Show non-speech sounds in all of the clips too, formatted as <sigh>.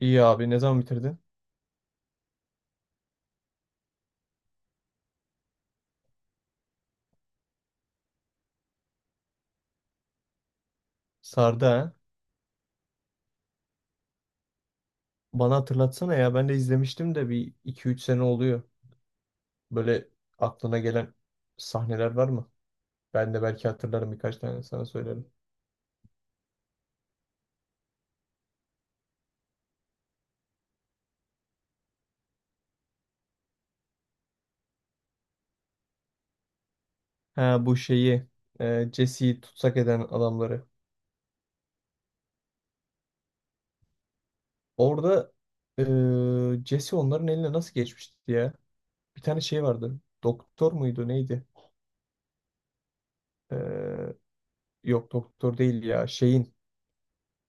İyi abi ne zaman bitirdin? Sardı ha. Bana hatırlatsana ya ben de izlemiştim de bir iki üç sene oluyor. Böyle aklına gelen sahneler var mı? Ben de belki hatırlarım birkaç tane sana söylerim. Ha bu şeyi Jesse'yi tutsak eden adamları. Orada Jesse onların eline nasıl geçmişti ya? Bir tane şey vardı. Doktor muydu neydi? Ee, Yok doktor değil ya. Şeyin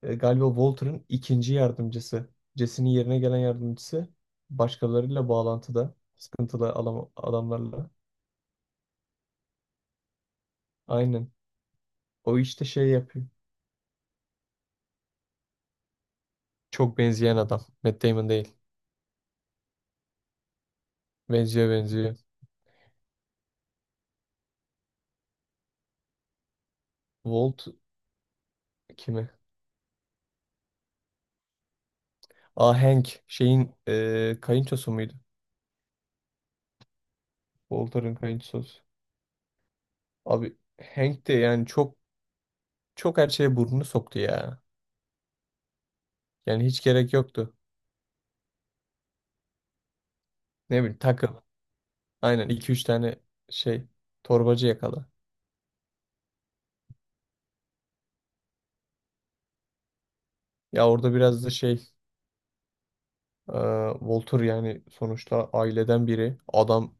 galiba Walter'ın ikinci yardımcısı. Jesse'nin yerine gelen yardımcısı. Başkalarıyla bağlantıda. Sıkıntılı adamlarla. Aynen. O işte şey yapıyor. Çok benzeyen adam. Matt Damon değil. Benziyor benziyor. Walt kimi? Aa Hank. Şeyin kayınçosu muydu? Walter'ın kayınçosu. Abi Hank de yani çok her şeye burnunu soktu ya. Yani hiç gerek yoktu. Ne bileyim takıl. Aynen iki üç tane şey torbacı yakala. Ya orada biraz da şey e, Walter yani sonuçta aileden biri. Adam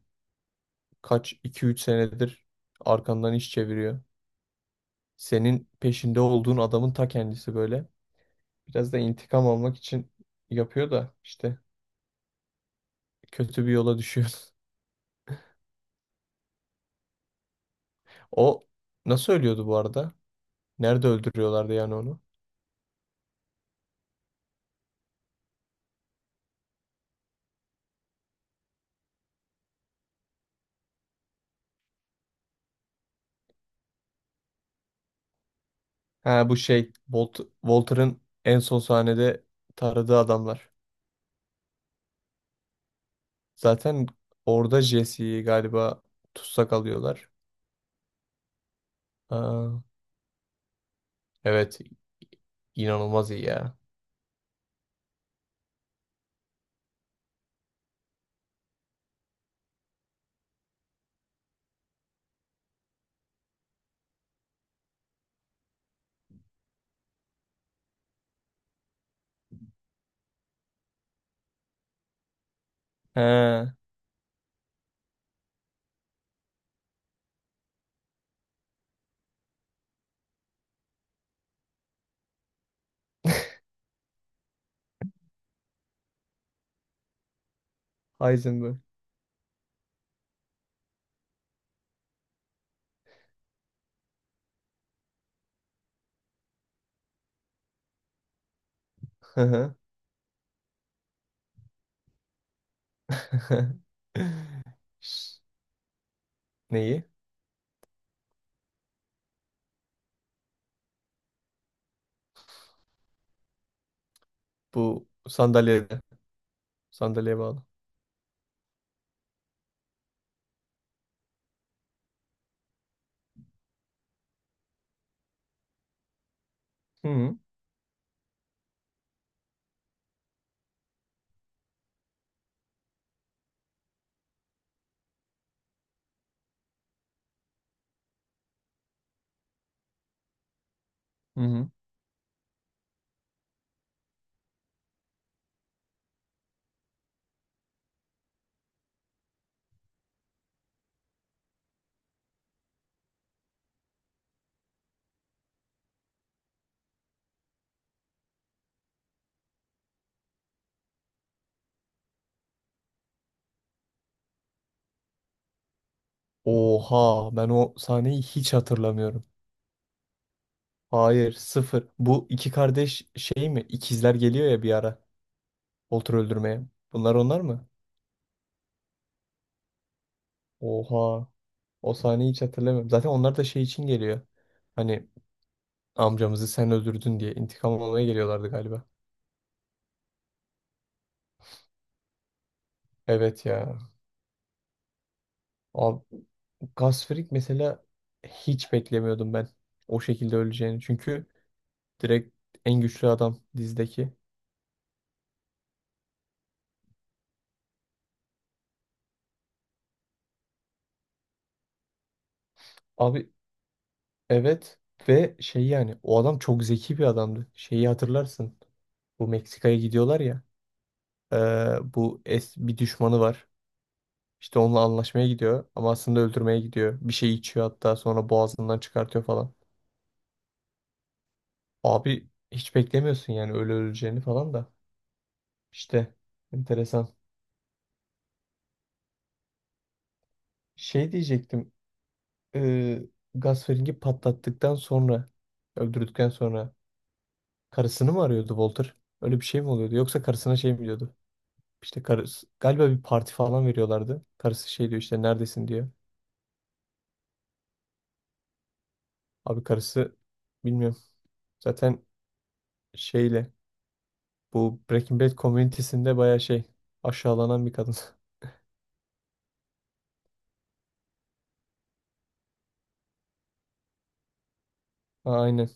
kaç iki üç senedir arkandan iş çeviriyor. Senin peşinde olduğun adamın ta kendisi böyle. Biraz da intikam almak için yapıyor da işte kötü bir yola düşüyor. <laughs> O nasıl ölüyordu bu arada? Nerede öldürüyorlardı yani onu? Ha bu şey Walter'ın en son sahnede taradığı adamlar. Zaten orada Jesse'yi galiba tutsak alıyorlar. Aa, evet inanılmaz iyi ya. Ha, Heisenberg. Hı hı. <laughs> Neyi? Bu sandalyede. Sandalyeye bağlı. Hı hı. Hı hı. Oha ben o sahneyi hiç hatırlamıyorum. Hayır sıfır. Bu iki kardeş şey mi? İkizler geliyor ya bir ara. Walter öldürmeye. Bunlar onlar mı? Oha. O sahneyi hiç hatırlamıyorum. Zaten onlar da şey için geliyor. Hani amcamızı sen öldürdün diye intikam almaya geliyorlardı galiba. Evet ya. Abi, Gasfring mesela hiç beklemiyordum ben. O şekilde öleceğini. Çünkü direkt en güçlü adam dizdeki. Abi evet ve şey yani o adam çok zeki bir adamdı. Şeyi hatırlarsın. Bu Meksika'ya gidiyorlar ya. Bu es bir düşmanı var. İşte onunla anlaşmaya gidiyor ama aslında öldürmeye gidiyor. Bir şey içiyor hatta sonra boğazından çıkartıyor falan. Abi hiç beklemiyorsun yani öyle öleceğini falan da. İşte enteresan. Şey diyecektim. Ee, Gaspering'i patlattıktan sonra öldürdükten sonra karısını mı arıyordu Walter? Öyle bir şey mi oluyordu? Yoksa karısına şey mi. İşte karısı galiba bir parti falan veriyorlardı. Karısı şey diyor işte neredesin diyor. Abi karısı bilmiyorum. Zaten şeyle bu Breaking Bad komünitesinde baya şey aşağılanan bir kadın. <laughs> Aynen.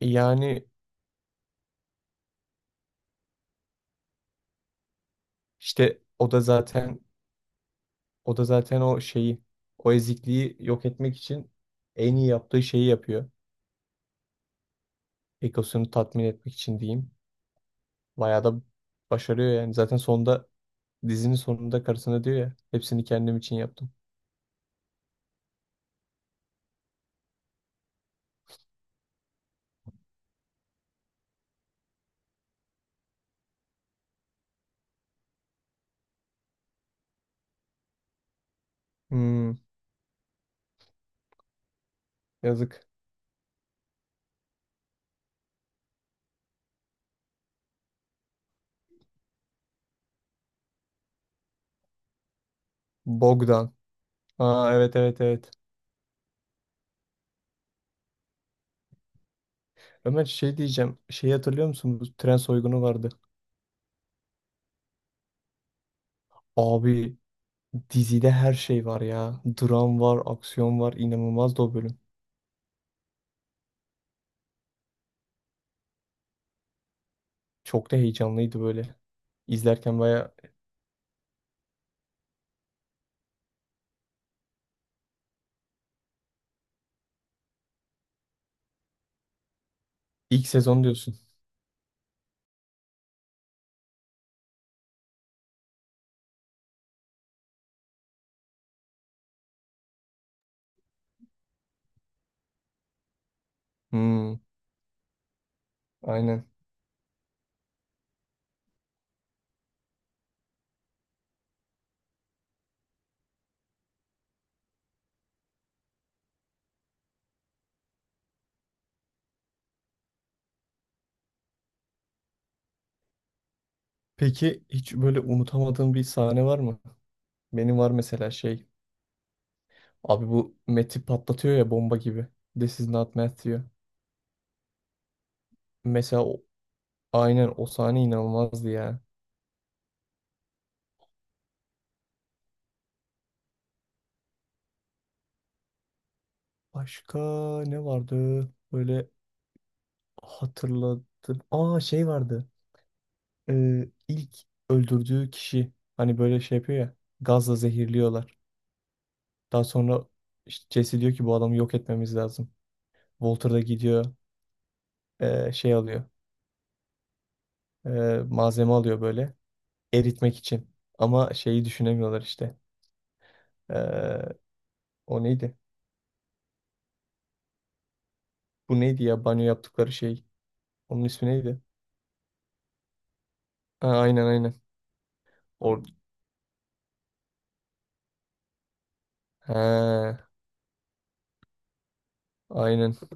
Yani işte o da zaten o şeyi o ezikliği yok etmek için en iyi yaptığı şeyi yapıyor. Egosunu tatmin etmek için diyeyim. Bayağı da başarıyor yani. Zaten sonunda dizinin sonunda karısına diyor ya hepsini kendim için yaptım. Hmm, yazık. Bogdan. Aa evet evet evet. Ömer şey diyeceğim. Şeyi hatırlıyor musun? Bu tren soygunu vardı. Abi dizide her şey var ya. Dram var, aksiyon var. İnanılmazdı o bölüm. Çok da heyecanlıydı böyle. İzlerken baya ilk sezon diyorsun. Hmm, aynen. Peki hiç böyle unutamadığın bir sahne var mı? Benim var mesela şey. Abi bu Matt'i patlatıyor ya bomba gibi. This is not Matt diyor. Mesela aynen o sahne inanılmazdı ya. Başka ne vardı? Böyle hatırladım. Aa şey vardı. İlk öldürdüğü kişi hani böyle şey yapıyor ya. Gazla zehirliyorlar. Daha sonra işte Jesse diyor ki bu adamı yok etmemiz lazım. Walter da gidiyor şey alıyor. ee, malzeme alıyor böyle eritmek için. Ama şeyi düşünemiyorlar işte. Ee, o neydi? Bu neydi ya banyo yaptıkları şey? Onun ismi neydi? Ha, aynen aynen. Or ha, aynen